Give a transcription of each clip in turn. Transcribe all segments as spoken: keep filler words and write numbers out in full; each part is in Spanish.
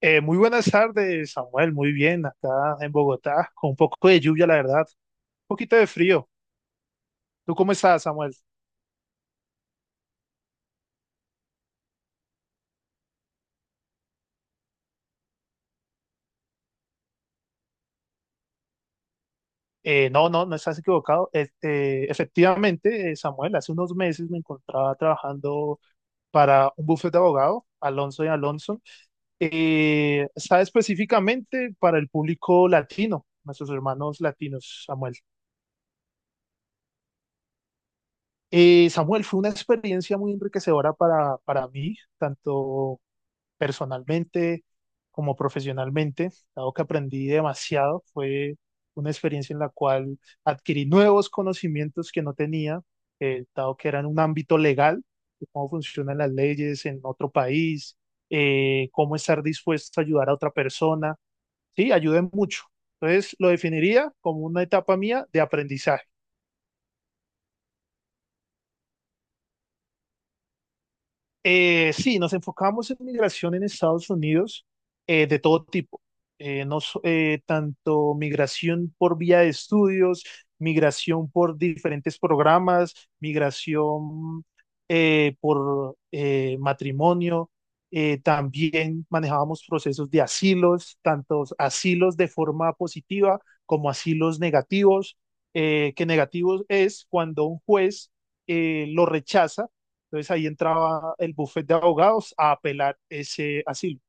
Eh, muy buenas tardes, Samuel. Muy bien, acá en Bogotá, con un poco de lluvia, la verdad. Un poquito de frío. ¿Tú cómo estás, Samuel? Eh, no, no, no estás equivocado. Es- eh, efectivamente, eh, Samuel, hace unos meses me encontraba trabajando para un bufete de abogado, Alonso y Alonso. Eh, está específicamente para el público latino, nuestros hermanos latinos, Samuel. Eh, Samuel, fue una experiencia muy enriquecedora para, para mí, tanto personalmente como profesionalmente, dado que aprendí demasiado, fue una experiencia en la cual adquirí nuevos conocimientos que no tenía, eh, dado que era en un ámbito legal, de cómo funcionan las leyes en otro país, eh, cómo estar dispuesto a ayudar a otra persona, sí, ayudé mucho. Entonces lo definiría como una etapa mía de aprendizaje. Eh, sí, nos enfocamos en migración en Estados Unidos eh, de todo tipo. Eh, no so- eh, Tanto migración por vía de estudios, migración por diferentes programas, migración eh, por eh, matrimonio. Eh, también manejábamos procesos de asilos, tantos asilos de forma positiva como asilos negativos, eh, que negativos es cuando un juez eh, lo rechaza, entonces ahí entraba el bufete de abogados a apelar ese asilo.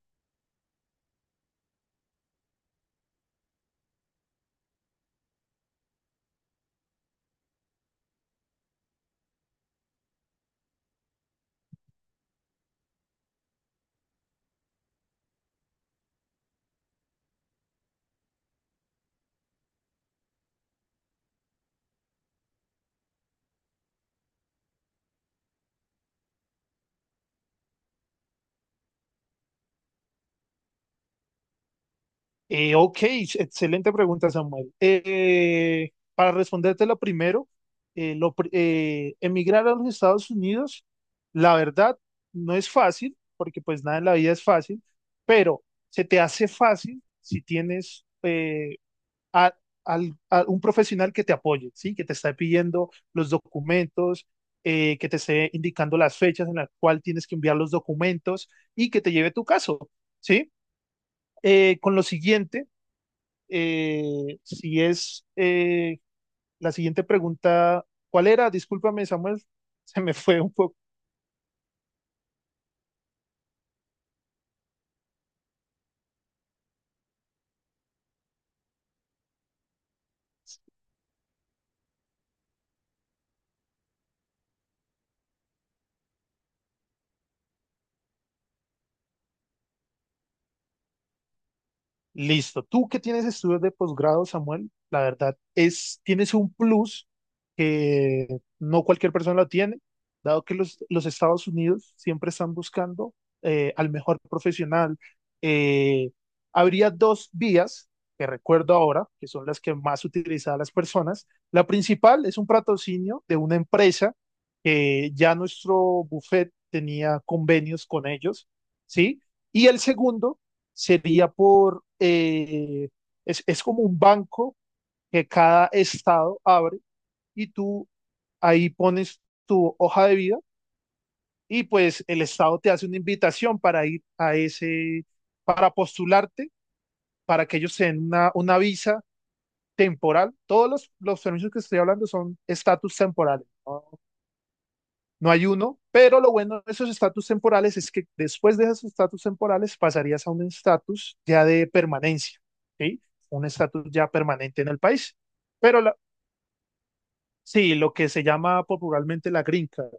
Eh, ok, excelente pregunta, Samuel. Eh, para respondértelo primero, eh, lo pri- eh, emigrar a los Estados Unidos, la verdad, no es fácil, porque pues nada en la vida es fácil, pero se te hace fácil si tienes eh, a, al- a un profesional que te apoye, ¿sí? Que te esté pidiendo los documentos, eh, que te esté indicando las fechas en las cuales tienes que enviar los documentos y que te lleve tu caso, ¿sí? Eh, con lo siguiente, eh, si es eh, la siguiente pregunta, ¿cuál era? Discúlpame, Samuel, se me fue un poco. Listo. Tú que tienes estudios de posgrado, Samuel, la verdad es, tienes un plus que no cualquier persona lo tiene, dado que los, los Estados Unidos siempre están buscando eh, al mejor profesional. Eh, Habría dos vías que recuerdo ahora, que son las que más utilizan las personas. La principal es un patrocinio de una empresa que ya nuestro buffet tenía convenios con ellos, ¿sí? Y el segundo sería por, eh, es, es como un banco que cada estado abre y tú ahí pones tu hoja de vida y pues el estado te hace una invitación para ir a ese, para postularte, para que ellos te den una, una visa temporal. Todos los, los permisos que estoy hablando son estatus temporales, no, no hay uno, pero lo bueno de esos estatus temporales es que después de esos estatus temporales pasarías a un estatus ya de permanencia, ¿sí? Un estatus ya permanente en el país. Pero la- sí, lo que se llama popularmente la green card,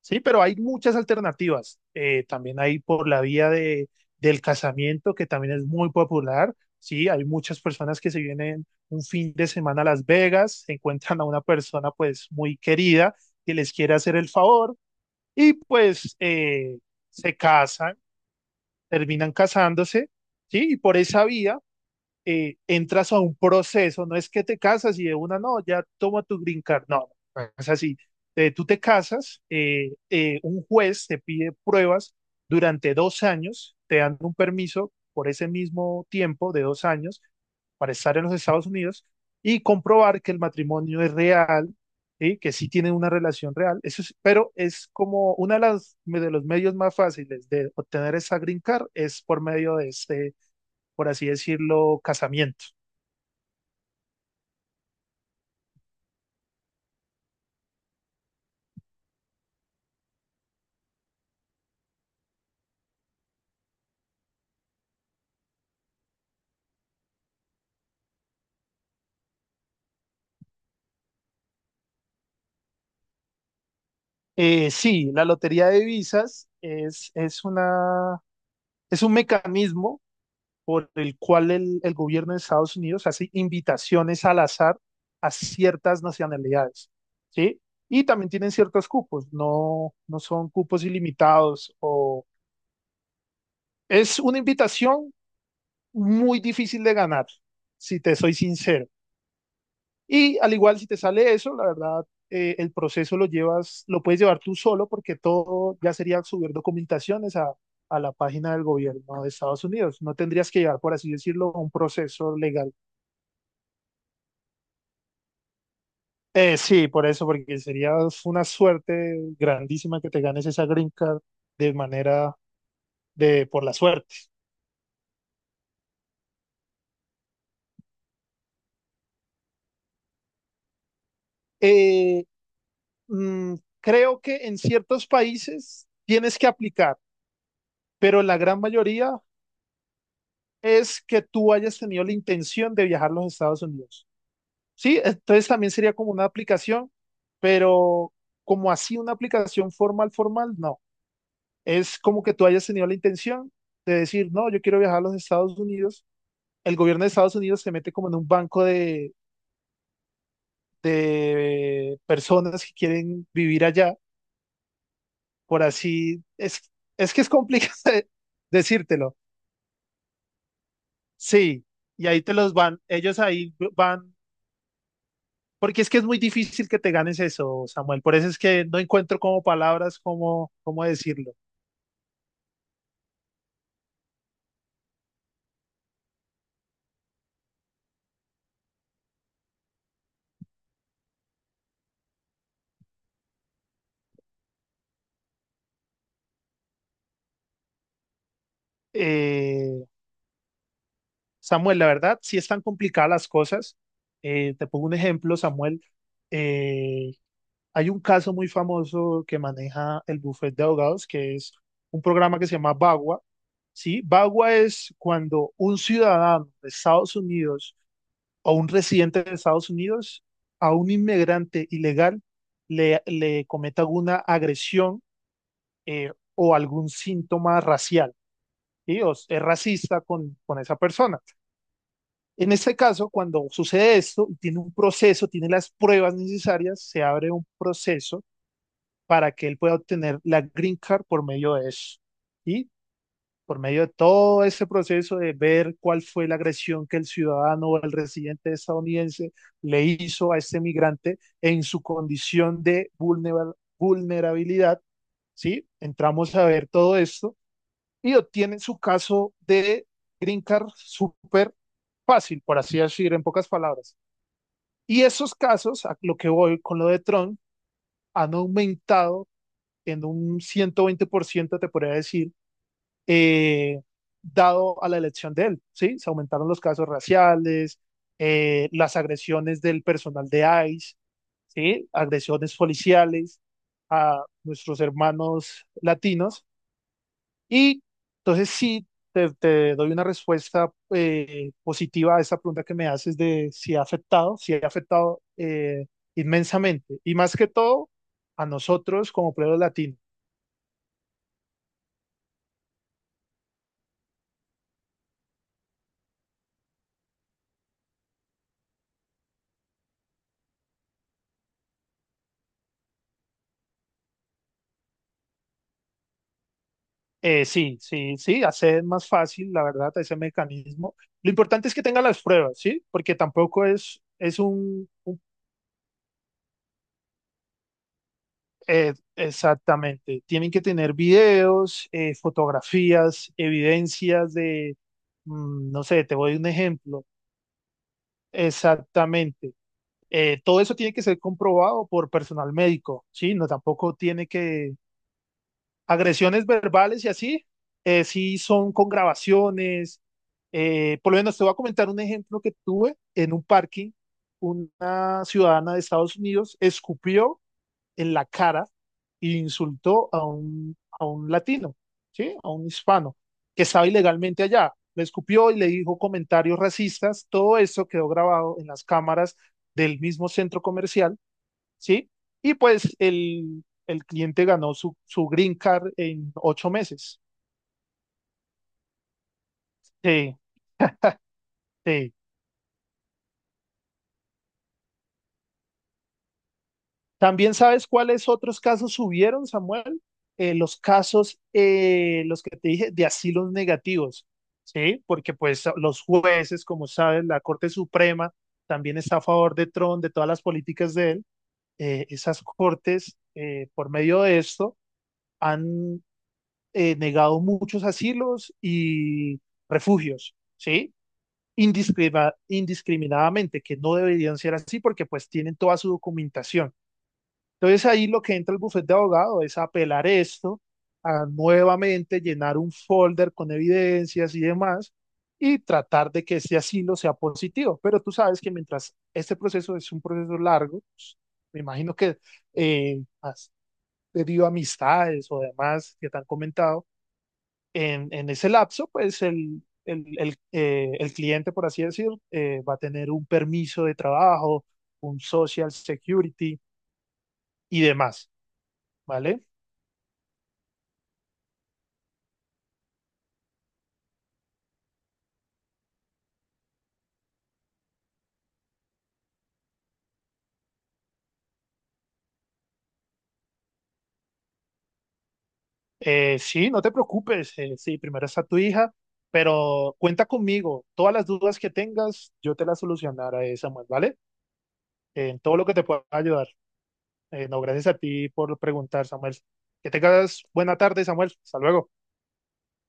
¿sí? Pero hay muchas alternativas. Eh, también hay por la vía de, del casamiento, que también es muy popular, ¿sí? Hay muchas personas que se vienen un fin de semana a Las Vegas, encuentran a una persona pues muy querida que les quiere hacer el favor y pues eh, se casan, terminan casándose, ¿sí? Y por esa vía eh, entras a un proceso, no es que te casas y de una, no, ya toma tu green card, no, no es así. Eh, tú te casas, eh, eh, un juez te pide pruebas durante dos años, te dan un permiso por ese mismo tiempo de dos años para estar en los Estados Unidos y comprobar que el matrimonio es real, ¿sí? Que sí tienen una relación real. Eso es- pero es como uno de, las- de los medios más fáciles de obtener esa green card es por medio de este, por así decirlo, casamiento. Eh, sí, la lotería de divisas es, es una, es un mecanismo por el cual el, el gobierno de Estados Unidos hace invitaciones al azar a ciertas nacionalidades, ¿sí? Y también tienen ciertos cupos, no, no son cupos ilimitados. O es una invitación muy difícil de ganar, si te soy sincero. Y al igual, si te sale eso, la verdad, eh, el proceso lo llevas, lo puedes llevar tú solo porque todo ya sería subir documentaciones a, a la página del gobierno de Estados Unidos. No tendrías que llevar, por así decirlo, un proceso legal. Eh, sí, por eso, porque sería una suerte grandísima que te ganes esa green card de manera de por la suerte. Eh, mm, creo que en ciertos países tienes que aplicar, pero en la gran mayoría es que tú hayas tenido la intención de viajar a los Estados Unidos. Sí, entonces también sería como una aplicación, pero como así una aplicación formal, formal, no. Es como que tú hayas tenido la intención de decir, no, yo quiero viajar a los Estados Unidos. El gobierno de Estados Unidos se mete como en un banco de, de personas que quieren vivir allá, por así, es, es que es complicado de- decírtelo. Sí, y ahí te los van, ellos ahí van. Porque es que es muy difícil que te ganes eso, Samuel. Por eso es que no encuentro como palabras, cómo, cómo decirlo. Eh, Samuel, la verdad, sí están complicadas las cosas. Eh, te pongo un ejemplo, Samuel. Eh, Hay un caso muy famoso que maneja el bufete de abogados, que es un programa que se llama Bagua. ¿Sí? Bagua es cuando un ciudadano de Estados Unidos a un residente de Estados Unidos, a un inmigrante ilegal, le, le cometa alguna agresión eh, o algún síntoma racial. ¿Sí? O es racista con, con esa persona. En este caso, cuando sucede esto, tiene un proceso, tiene las pruebas necesarias, se abre un proceso para que él pueda obtener la green card por medio de eso. Y por medio de todo ese proceso de ver cuál fue la agresión que el ciudadano o el residente estadounidense le hizo a este migrante en su condición de vulnera- vulnerabilidad, ¿sí? Entramos a ver todo esto y obtienen su caso de green card súper fácil, por así decir, en pocas palabras. Y esos casos, a lo que voy con lo de Trump, han aumentado en un ciento veinte por ciento, te podría decir, eh, dado a la elección de él, ¿sí? Se aumentaron los casos raciales, eh, las agresiones del personal de ICE, ¿sí? Agresiones policiales a nuestros hermanos latinos. Y entonces sí, te, te doy una respuesta eh, positiva a esa pregunta que me haces de si ha afectado, si ha afectado eh, inmensamente. Y más que todo, a nosotros como pueblo latino. Eh, sí, sí, sí, hacer más fácil, la verdad, ese mecanismo. Lo importante es que tenga las pruebas, ¿sí? Porque tampoco es, es un, un- eh, exactamente, tienen que tener videos, eh, fotografías, evidencias de, mm, no sé, te doy un ejemplo, exactamente. Eh, todo eso tiene que ser comprobado por personal médico, ¿sí? No, tampoco tiene que, agresiones verbales y así, eh, sí son con grabaciones. Eh, por lo menos te voy a comentar un ejemplo que tuve en un parking. Una ciudadana de Estados Unidos escupió en la cara e insultó a un, a un latino, ¿sí? A un hispano que estaba ilegalmente allá. Le escupió y le dijo comentarios racistas. Todo eso quedó grabado en las cámaras del mismo centro comercial, ¿sí? Y pues el, el cliente ganó su, su green card en ocho meses. Sí, sí. ¿También sabes cuáles otros casos subieron, Samuel? Eh, los casos, eh, los que te dije, de asilos negativos, ¿sí? Porque pues los jueces, como sabes, la Corte Suprema también está a favor de Trump, de todas las políticas de él. Eh, esas cortes, eh, por medio de esto, han eh, negado muchos asilos y refugios, ¿sí? Indiscrima, indiscriminadamente, que no deberían ser así porque pues tienen toda su documentación. Entonces ahí lo que entra el bufete de abogado es apelar esto, a nuevamente llenar un folder con evidencias y demás y tratar de que ese asilo sea positivo. Pero tú sabes que mientras este proceso es un proceso largo, pues, me imagino que eh, has debido a amistades o demás que te han comentado, en, en ese lapso, pues el, el, el, eh, el cliente, por así decir, eh, va a tener un permiso de trabajo, un social security y demás, ¿vale? Eh, sí, no te preocupes, eh, sí, primero está tu hija, pero cuenta conmigo, todas las dudas que tengas, yo te las solucionaré, Samuel, ¿vale? En todo lo que te pueda ayudar. Eh, no, gracias a ti por preguntar, Samuel. Que tengas buena tarde, Samuel. Hasta luego.